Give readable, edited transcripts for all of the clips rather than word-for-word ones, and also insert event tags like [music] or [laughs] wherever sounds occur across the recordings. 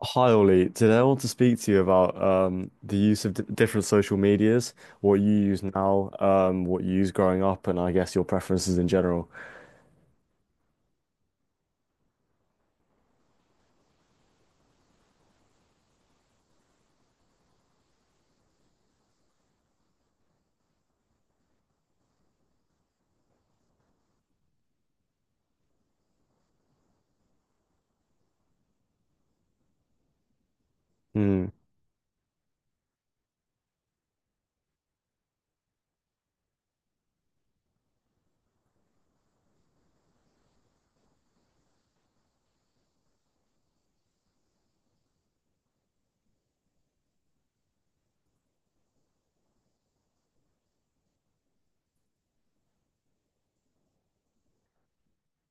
Hi Ollie, today I want to speak to you about the use of d different social medias, what you use now, what you use growing up, and I guess your preferences in general. Hmm.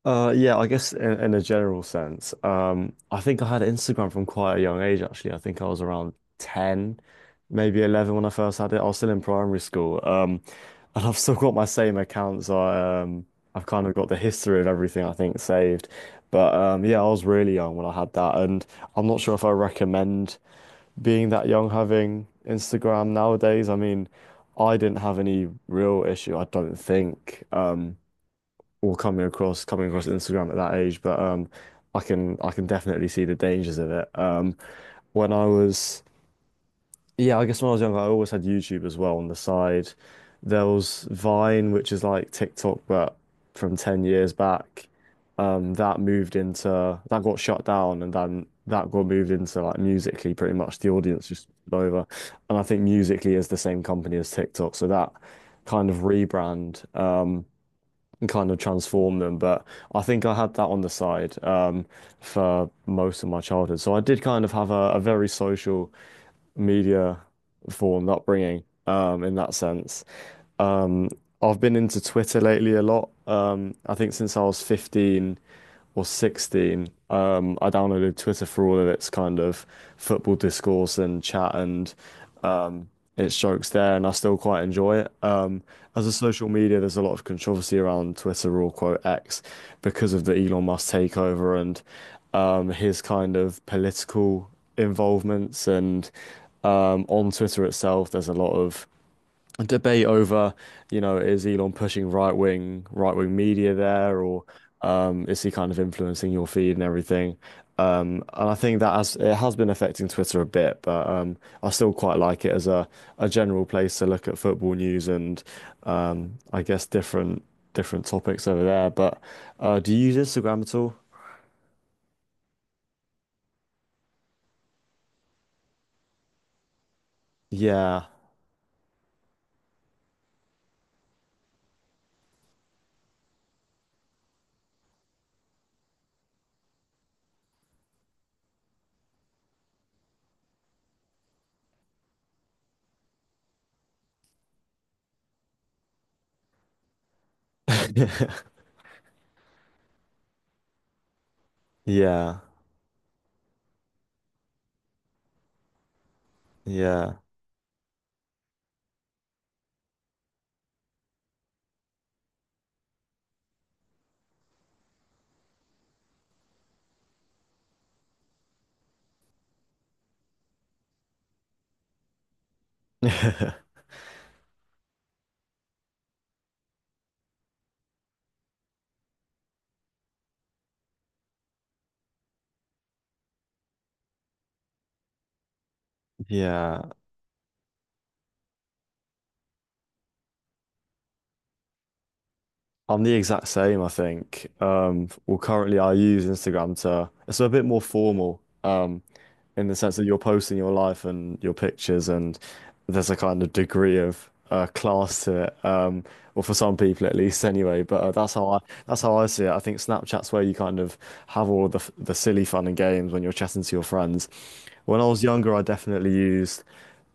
Yeah, I guess in a general sense. I think I had Instagram from quite a young age, actually. I think I was around 10, maybe 11 when I first had it. I was still in primary school. And [laughs] I've still got my same accounts. I've kind of got the history of everything, I think, saved. But yeah, I was really young when I had that. And I'm not sure if I recommend being that young having Instagram nowadays. I mean, I didn't have any real issue, I don't think. Or coming across Instagram at that age, but I can definitely see the dangers of it. When I was Yeah, I guess when I was younger, I always had YouTube as well on the side. There was Vine, which is like TikTok, but from 10 years back. That moved into That got shut down, and then that got moved into like Musically. Pretty much the audience just took over, and I think Musically is the same company as TikTok, so that kind of rebrand. And kind of transform them. But I think I had that on the side for most of my childhood. So I did kind of have a very social media formed upbringing in that sense. Um, I've been into Twitter lately a lot. I think since I was 15 or 16, I downloaded Twitter for all of its kind of football discourse and chat and um, its jokes there, and I still quite enjoy it. As a social media, there's a lot of controversy around Twitter, or quote X, because of the Elon Musk takeover and his kind of political involvements. And on Twitter itself, there's a lot of a debate over, you know, is Elon pushing right wing media there, or is he kind of influencing your feed and everything? And I think that has it has been affecting Twitter a bit, but I still quite like it as a general place to look at football news and I guess different topics over there. But do you use Instagram at all? Yeah, [laughs] yeah, yeah. [laughs] Yeah. I'm the exact same, I think. Well, currently I use Instagram to, it's a bit more formal, in the sense that you're posting your life and your pictures, and there's a kind of degree of class to it. Well, for some people at least, anyway. But that's how I see it. I think Snapchat's where you kind of have all of the silly fun and games when you're chatting to your friends. When I was younger, I definitely used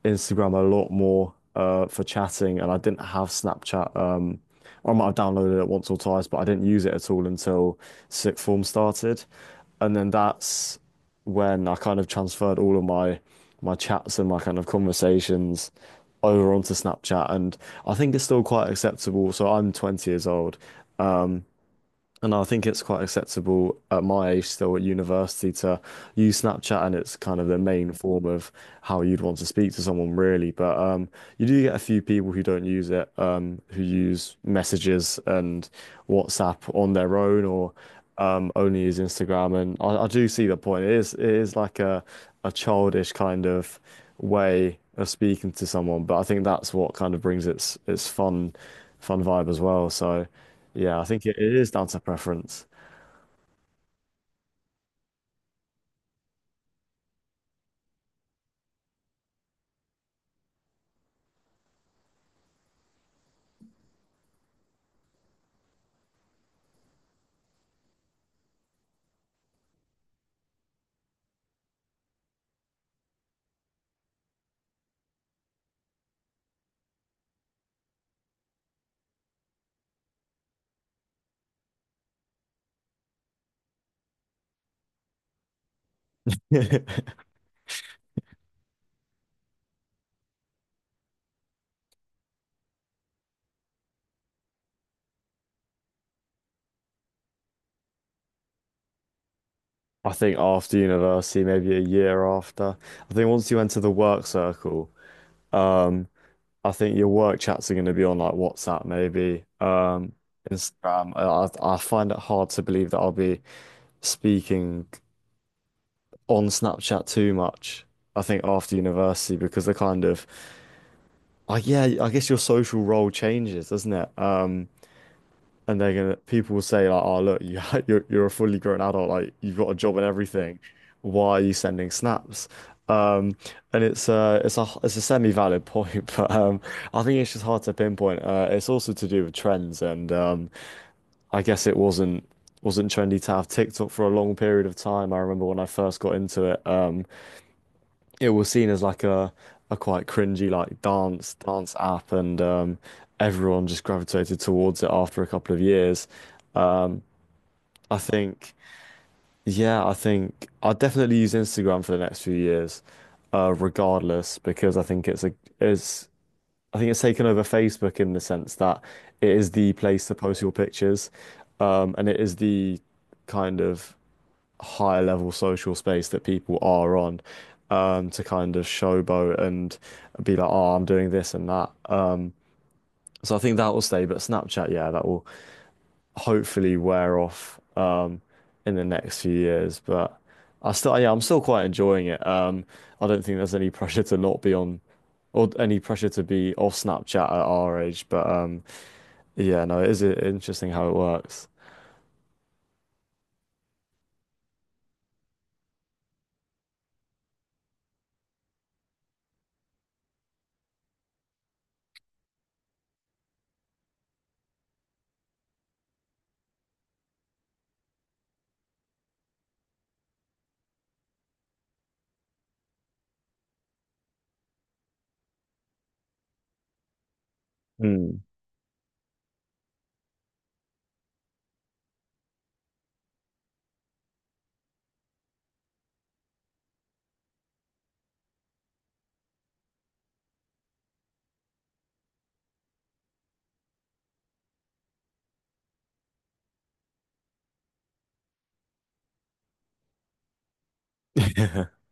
Instagram a lot more for chatting, and I didn't have Snapchat. I might have downloaded it once or twice, but I didn't use it at all until sixth form started, and then that's when I kind of transferred all of my chats and my kind of conversations over onto Snapchat, and I think it's still quite acceptable. So I'm 20 years old, and I think it's quite acceptable at my age, still at university, to use Snapchat, and it's kind of the main form of how you'd want to speak to someone, really. But you do get a few people who don't use it, who use messages and WhatsApp on their own, or only use Instagram. And I do see the point. It is like a childish kind of way of speaking to someone, but I think that's what kind of brings its fun vibe as well. So. Yeah, I think it is down to preference. I think after university, maybe a year after, I think once you enter the work circle, um, I think your work chats are going to be on like WhatsApp, maybe, Instagram. I find it hard to believe that I'll be speaking on Snapchat too much. I think after university because the kind of, oh yeah, I guess your social role changes, doesn't it? And they're gonna People will say like, "Oh, look, you [laughs] you're a fully grown adult, like you've got a job and everything. Why are you sending snaps?" Um, and it's It's a semi-valid point, [laughs] but I think it's just hard to pinpoint. It's also to do with trends, and I guess it wasn't trendy to have TikTok for a long period of time. I remember when I first got into it, it was seen as like a quite cringy like dance app, and everyone just gravitated towards it after a couple of years. I think, yeah, I think I'll definitely use Instagram for the next few years, regardless, because it's I think it's taken over Facebook in the sense that it is the place to post your pictures, and it is the kind of higher level social space that people are on, to kind of showboat and be like, oh, I'm doing this and that. So I think that will stay, but Snapchat, yeah, that will hopefully wear off in the next few years. But yeah, I'm still quite enjoying it. I don't think there's any [laughs] pressure to not be on or any pressure to be off Snapchat at our age. But yeah, no, it is interesting how it works. Mm. [laughs]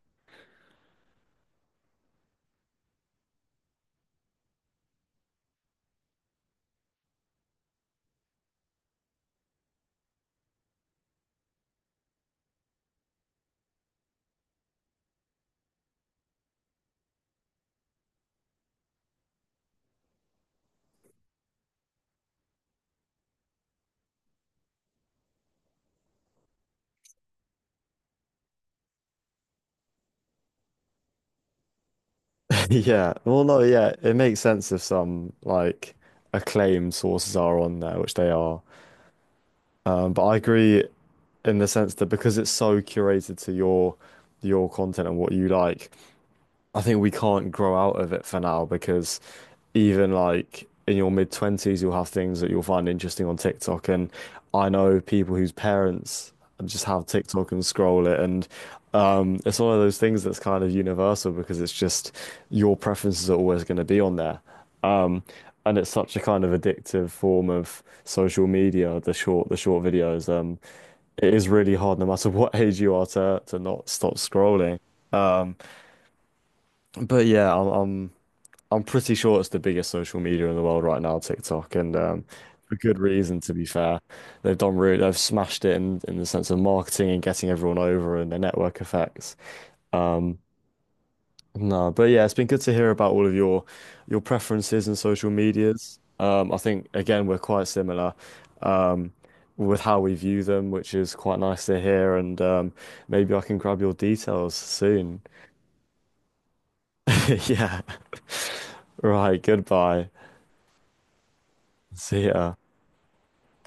Yeah. Well, no, yeah, it makes sense if some like acclaimed sources are on there, which they are. But I agree in the sense that because it's so curated to your content and what you like, I think we can't grow out of it for now because even like in your mid 20s, you'll have things that you'll find interesting on TikTok. And I know people whose parents just have TikTok and scroll it. And it's one of those things that's kind of universal because it's just your preferences are always going to be on there. Um, and it's such a kind of addictive form of social media, the short videos. It is really hard, no matter [laughs] what age you are, to not stop scrolling. Um, but yeah, I'm pretty sure it's the biggest social media in the world right now, TikTok, and for good reason, to be fair. They've smashed it in the sense of marketing and getting everyone over and the network effects. Um, no, but yeah, it's been good to hear about all of your preferences and social medias. I think again we're quite similar with how we view them, which is quite nice to hear. And maybe I can grab your details soon. [laughs] Yeah. Right. Goodbye. See ya.